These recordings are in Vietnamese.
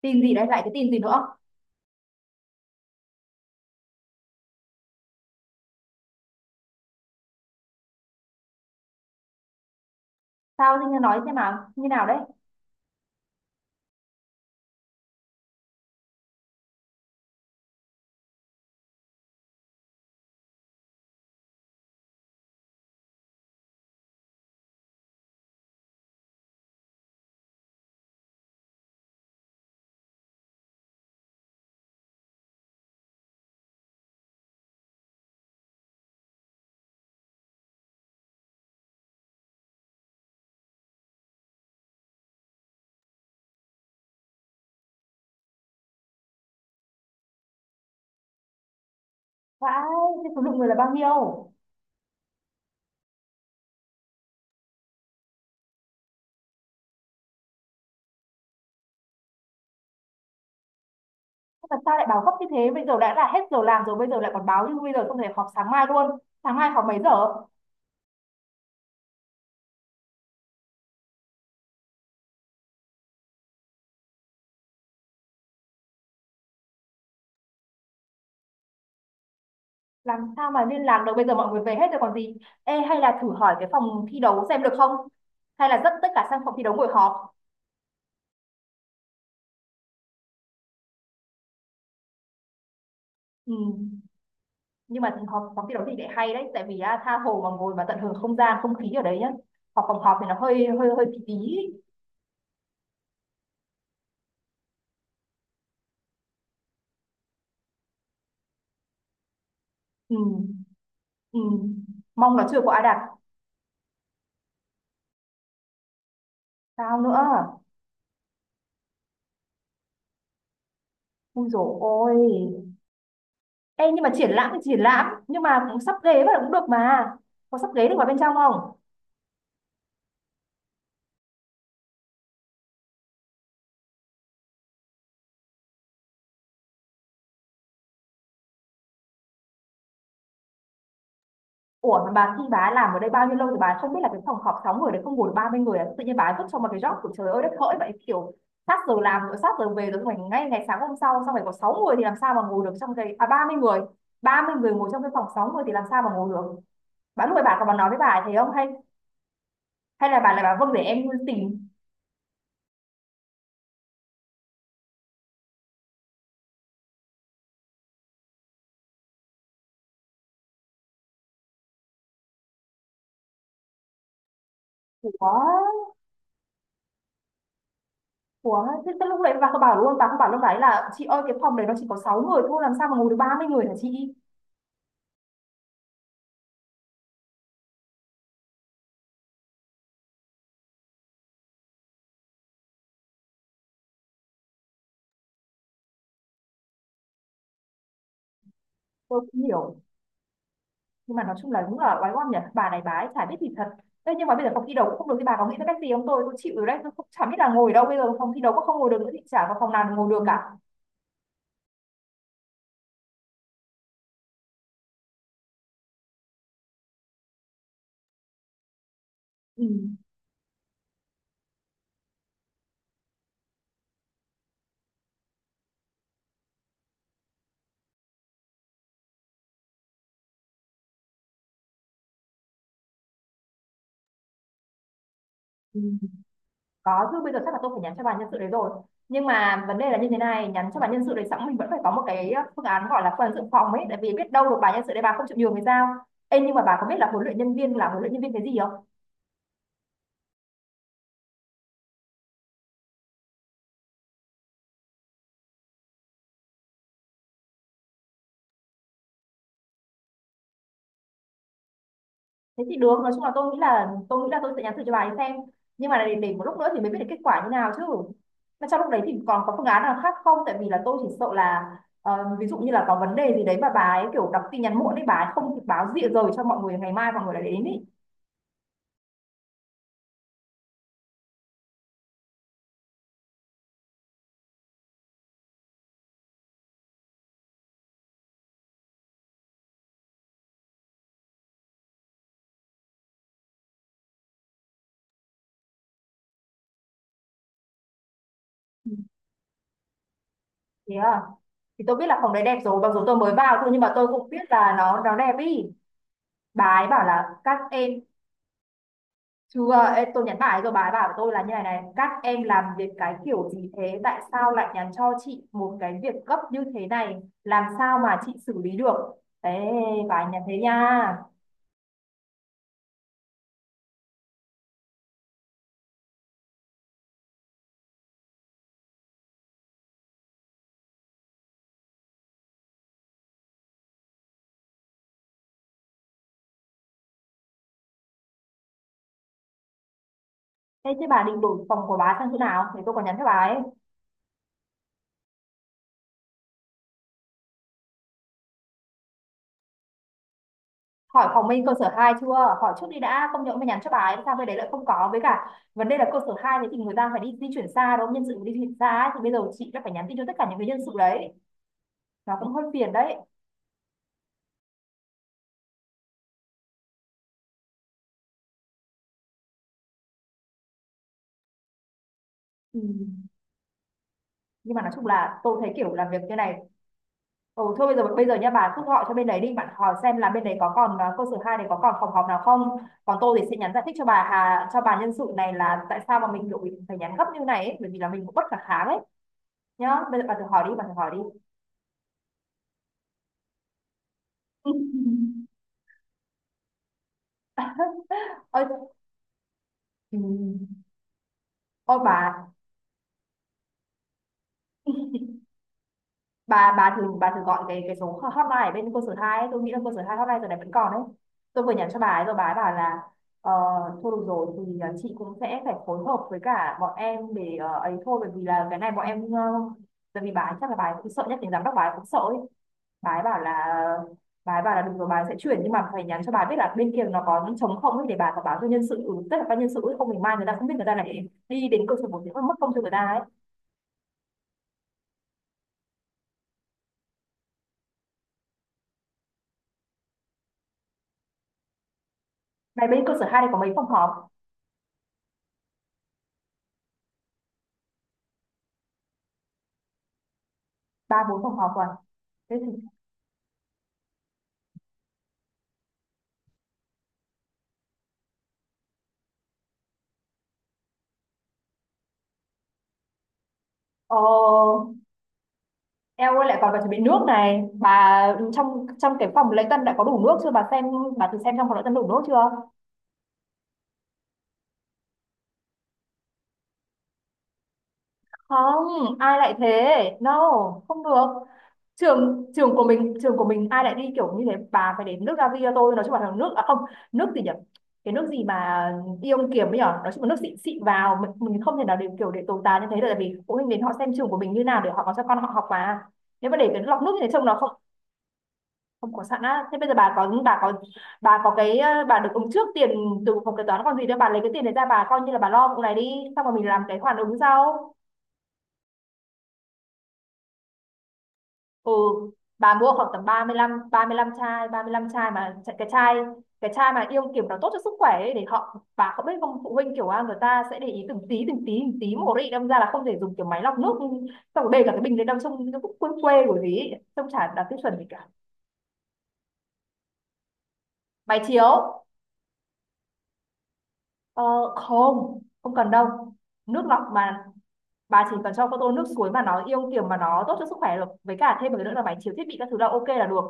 Tin gì đấy? Lại cái tin gì nữa? Sao Linh, nói xem nào, như nào đấy? Vãi. Thế số lượng người là bao nhiêu? Thế mà sao lại báo gấp như thế? Bây giờ đã là hết giờ làm rồi, bây giờ lại còn báo như bây giờ, không thể họp sáng mai luôn. Sáng mai họp mấy giờ? Làm sao mà liên lạc được, bây giờ mọi người về hết rồi còn gì. Ê, hay là thử hỏi cái phòng thi đấu xem được không? Hay là dắt tất cả sang phòng thi đấu ngồi họp. Ừ. Nhưng mà họp phòng thi đấu thì lại hay đấy, tại vì tha hồ mà ngồi mà tận hưởng không gian không khí ở đấy nhá. Họp phòng họp thì nó hơi hơi hơi tí tí. Ừ. Ừ. Mong là chưa có ai đạt. Sao nữa? Ui dồi ôi. Ê nhưng mà triển lãm thì triển lãm. Nhưng mà cũng sắp ghế vào cũng được mà. Có sắp ghế được vào bên trong không? Ủa mà bà, khi bà làm ở đây bao nhiêu lâu thì bà không biết là cái phòng họp 6 người đấy không ngồi được 30 người à? Tự nhiên bà vứt cho một cái job của trời ơi đất hỡi vậy, kiểu sát giờ làm rồi, sát giờ về rồi, xong rồi ngay ngày sáng hôm sau, xong rồi có 6 người thì làm sao mà ngồi được trong cái 30 người? 30 người ngồi trong cái phòng 6 người thì làm sao mà ngồi được? Bà lúc ấy bà còn bà nói với bà ấy thế không hay? Hay là bà vâng để em tìm. Ủa. Ủa, thế thế lúc đấy bà có bảo luôn, bà không bảo lúc đấy là chị ơi cái phòng đấy nó chỉ có 6 người thôi, làm sao mà ngồi được 30 người hả chị? Tôi cũng hiểu, nhưng mà nói chung là đúng là oái oăm nhỉ, bà này bà ấy chả biết gì thật. Thế nhưng mà bây giờ phòng thi đấu cũng không được thì bà có nghĩ ra cách gì không? Tôi chịu rồi đấy, tôi cũng chả biết là ngồi đâu, bây giờ phòng thi đấu cũng không ngồi được nữa thì chả có phòng nào ngồi được cả. Ừ. Ừ. Có chứ, bây giờ chắc là tôi phải nhắn cho bà nhân sự đấy rồi. Nhưng mà vấn đề là như thế này, nhắn cho bà nhân sự đấy xong mình vẫn phải có một cái phương án gọi là phương án dự phòng ấy, tại vì biết đâu được bà nhân sự đấy bà không chịu nhường thì sao? Ê, nhưng mà bà có biết là huấn luyện nhân viên là huấn luyện nhân viên cái gì không? Thế thì được, nói chung là tôi nghĩ là tôi sẽ nhắn thử cho bà ấy xem, nhưng mà để một lúc nữa thì mới biết được kết quả như nào chứ. Mà trong lúc đấy thì còn có phương án nào khác không, tại vì là tôi chỉ sợ là ờ, ví dụ như là có vấn đề gì đấy mà bà ấy kiểu đọc tin nhắn muộn đấy, bà ấy không kịp báo rịa rồi cho mọi người ngày mai, mọi người lại đến ý. Ừ. Thế à? Thì tôi biết là phòng đấy đẹp rồi, mặc dù tôi mới vào thôi nhưng mà tôi cũng biết là nó đẹp ý. Bà ấy bảo là các em. Chưa. Ê, tôi nhắn bà ấy rồi, bà ấy bảo với tôi là như này này: các em làm việc cái kiểu gì thế? Tại sao lại nhắn cho chị một cái việc gấp như thế này? Làm sao mà chị xử lý được? Thế. Bà ấy nhắn thế nha. Thế chứ bà định đổi phòng của bà ấy sang chỗ nào? Thì tôi còn nhắn cho bà ấy. Hỏi phòng bên cơ sở hai chưa? Hỏi trước đi đã. Không nhỡ mà nhắn cho bà ấy, sao bên đấy lại không có? Với cả vấn đề là cơ sở 2 thì người ta phải đi di chuyển xa đúng không? Nhân sự đi chuyển xa ấy. Thì bây giờ chị đã phải nhắn tin cho tất cả những cái nhân sự đấy, nó cũng hơi phiền đấy. Ừ. Nhưng mà nói chung là tôi thấy kiểu làm việc như này. Ừ, thôi bây giờ nha, bà cứ gọi cho bên đấy đi, bạn hỏi xem là bên đấy có còn cơ sở hai này có còn phòng họp nào không? Còn tôi thì sẽ nhắn giải thích cho bà Hà, cho bà nhân sự này là tại sao mà mình kiểu mình phải nhắn gấp như này ấy, bởi vì là mình cũng bất khả kháng ấy. Nhá, bây giờ bà thử hỏi đi, bà thử hỏi đi. Ôi. Ừ. Ôi bà. Bà thử gọi cái số hotline ở bên cơ sở hai ấy. Tôi nghĩ là cơ sở hai hotline giờ này vẫn còn đấy. Tôi vừa nhắn cho bà ấy rồi, bà ấy bảo là ờ, thôi được rồi thì chị cũng sẽ phải phối hợp với cả bọn em để ấy thôi, bởi vì là cái này bọn em tại vì bà ấy chắc là bà ấy cũng sợ nhất thì giám đốc bà ấy cũng sợ ấy. Bà ấy bảo là bà ấy bảo là được rồi, bà ấy sẽ chuyển nhưng mà phải nhắn cho bà ấy biết là bên kia nó có những trống không ấy để bà có báo cho nhân sự, ừ, tức là ban nhân sự ấy, không mình mai người ta không biết, người ta lại đi đến cơ sở một thì mất công cho người ta ấy. Này bên cơ sở hai này có mấy phòng họp? Ba bốn phòng họp rồi? Thế thì. Ờ, eo ơi lại còn phải chuẩn bị nước này bà. Trong trong cái phòng lễ tân đã có đủ nước chưa bà xem? Bà thử xem trong phòng lễ tân đủ nước chưa? Không. Ai lại thế. No. Không được. Trường trường của mình trường của mình ai lại đi kiểu như thế, bà phải đến nước ra cho tôi. Nói chung là nước, à không. Nước gì nhỉ? Cái nước gì mà ion kiềm ấy nhở, nói chung là nước xịn xịn vào, mình không thể nào để kiểu để tồi tàn như thế được, tại vì phụ huynh đến họ xem trường của mình như nào để họ còn cho con họ học mà. Nếu mà để cái lọc nước như thế trông nó không. Không có sẵn á? Thế bây giờ bà có bà có cái bà được ứng trước tiền từ phòng kế toán còn gì, đâu bà lấy cái tiền đấy ra bà coi như là bà lo vụ này đi, xong rồi mình làm cái khoản ứng sau. Ừ. Bà mua khoảng tầm ba ba mươi lăm ba mươi 35 chai. 35 chai mà cái chai mà yêu kiểu nó tốt cho sức khỏe ấy, để họ. Bà không biết không, phụ huynh kiểu người ta sẽ để ý từng tí từng tí từng tí một đấy, đâm ra là không thể dùng kiểu máy lọc nước, xong rồi bê cả cái bình lên đâm trong cái quê quê của gì ấy. Xong chả đạt tiêu chuẩn gì cả. Máy chiếu. ờ, Không, không cần đâu. Nước lọc mà. Bà chỉ cần cho con tô nước suối mà nó yêu kiểu mà nó tốt cho sức khỏe được, với cả thêm một cái nữa là máy chiếu thiết bị các thứ là ok là được.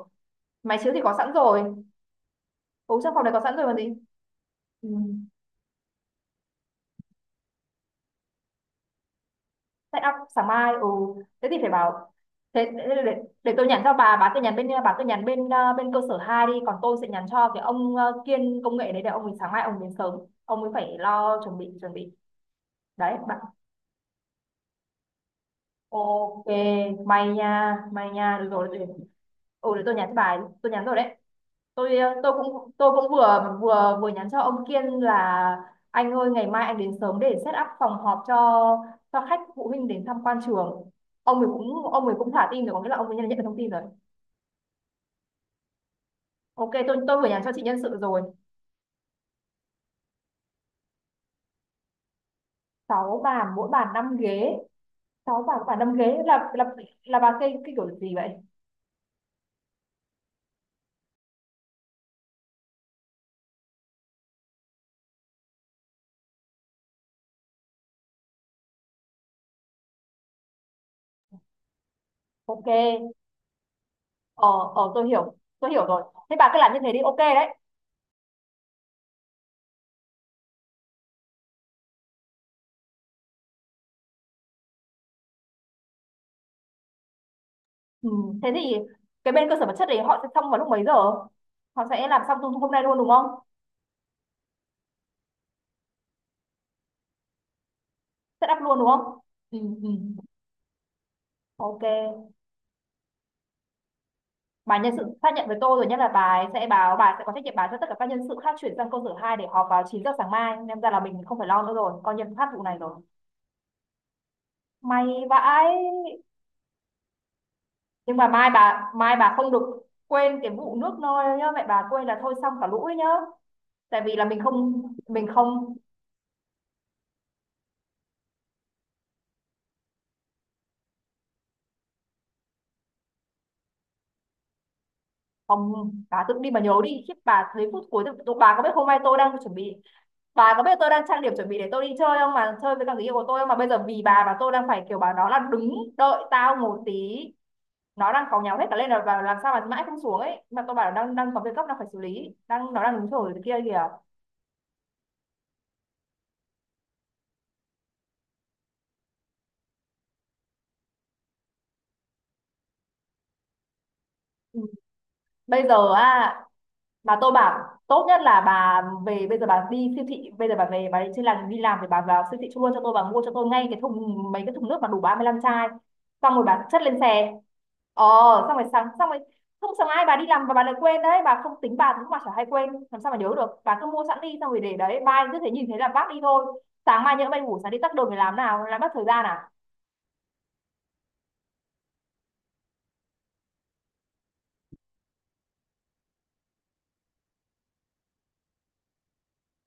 Máy chiếu thì có sẵn rồi. Ừ, trong phòng này có sẵn rồi còn gì. Ừ. Set up sáng mai. Ừ. Thế thì phải bảo. Thế để tôi nhắn cho bà, bà cứ nhắn bên bên cơ sở 2 đi, còn tôi sẽ nhắn cho cái ông Kiên công nghệ đấy để ông ấy sáng mai ông đến sớm. Ông ấy phải lo chuẩn bị chuẩn bị. Đấy bạn. Ok, may nha, may nha, được rồi để. Ừ, để tôi nhắn cho bà. Tôi nhắn rồi đấy. Tôi cũng vừa vừa vừa nhắn cho ông Kiên là anh ơi ngày mai anh đến sớm để set up phòng họp cho khách phụ huynh đến tham quan trường. Ông ấy cũng thả tin rồi, có nghĩa là ông ấy nhận nhận được thông tin rồi. Ok, tôi vừa nhắn cho chị nhân sự rồi. Sáu bàn mỗi bàn 5 ghế. Sáu bàn mỗi bàn 5 ghế là. Là bà cây cái kiểu gì vậy? Ok. Ờ. Tôi hiểu. Tôi hiểu rồi. Thế bà cứ làm như thế đi, ok đấy. Ừ, thế thì cái bên cơ sở vật chất đấy họ sẽ xong vào lúc mấy giờ? Họ sẽ làm xong hôm nay luôn đúng không? Set up luôn đúng không? Ừ. Ừ. Ok. Bà nhân sự xác nhận với tôi rồi nhé, là bà ấy sẽ báo, bà sẽ có trách nhiệm báo cho tất cả các nhân sự khác chuyển sang câu sở 2 để họp vào 9 giờ sáng mai, nên ra là mình không phải lo nữa rồi, coi như thoát vụ này rồi. May vãi. Nhưng mà mai bà không được quên cái vụ nước nôi nhá, mẹ bà quên là thôi xong cả lũ ấy nhá. Tại vì là mình không. mình không Không, bà tự đi mà nhớ đi, khiếp, bà thấy phút cuối tự-. Bà có biết hôm nay tôi đang chuẩn bị. Bà có biết tôi đang trang điểm chuẩn bị để tôi đi chơi không, mà chơi với cả người yêu của tôi không, mà bây giờ vì bà mà tôi đang phải kiểu, bà nó là đứng đợi tao một tí. Nó đang cáu nhau hết cả lên là và làm sao mà mãi không xuống ấy, mà tôi bảo là đang đang có việc gấp đang phải xử lý, đang nó đang đứng chờ cái kia kìa. Ừ. Bây giờ à, mà tôi bảo tốt nhất là bà về bây giờ bà đi siêu thị, bây giờ bà về bà đi trên làng đi làm thì bà vào siêu thị luôn cho tôi, bà mua cho tôi ngay cái thùng, mấy cái thùng nước mà đủ 35 chai, xong rồi bà chất lên xe. ờ Xong rồi sáng xong rồi. Không sáng ai bà đi làm và bà lại quên đấy, bà không tính bà cũng mà chả hay quên làm sao mà nhớ được, bà cứ mua sẵn đi xong rồi để đấy, mai cứ thế nhìn thấy là vác đi thôi. Sáng mai nhỡ bay ngủ sáng đi tắt đường để làm nào làm mất thời gian à?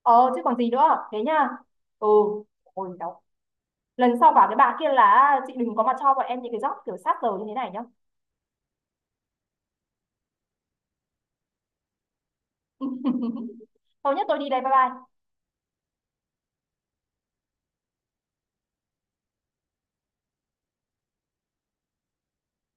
Ờ Chứ còn gì nữa, thế nhá. Ừ. Ôi đau. Lần sau bảo cái bà kia là: "À, chị đừng có mà cho bọn em những cái job kiểu sát giờ như thế này nhá." Thôi nhất tôi đi đây, bye bye.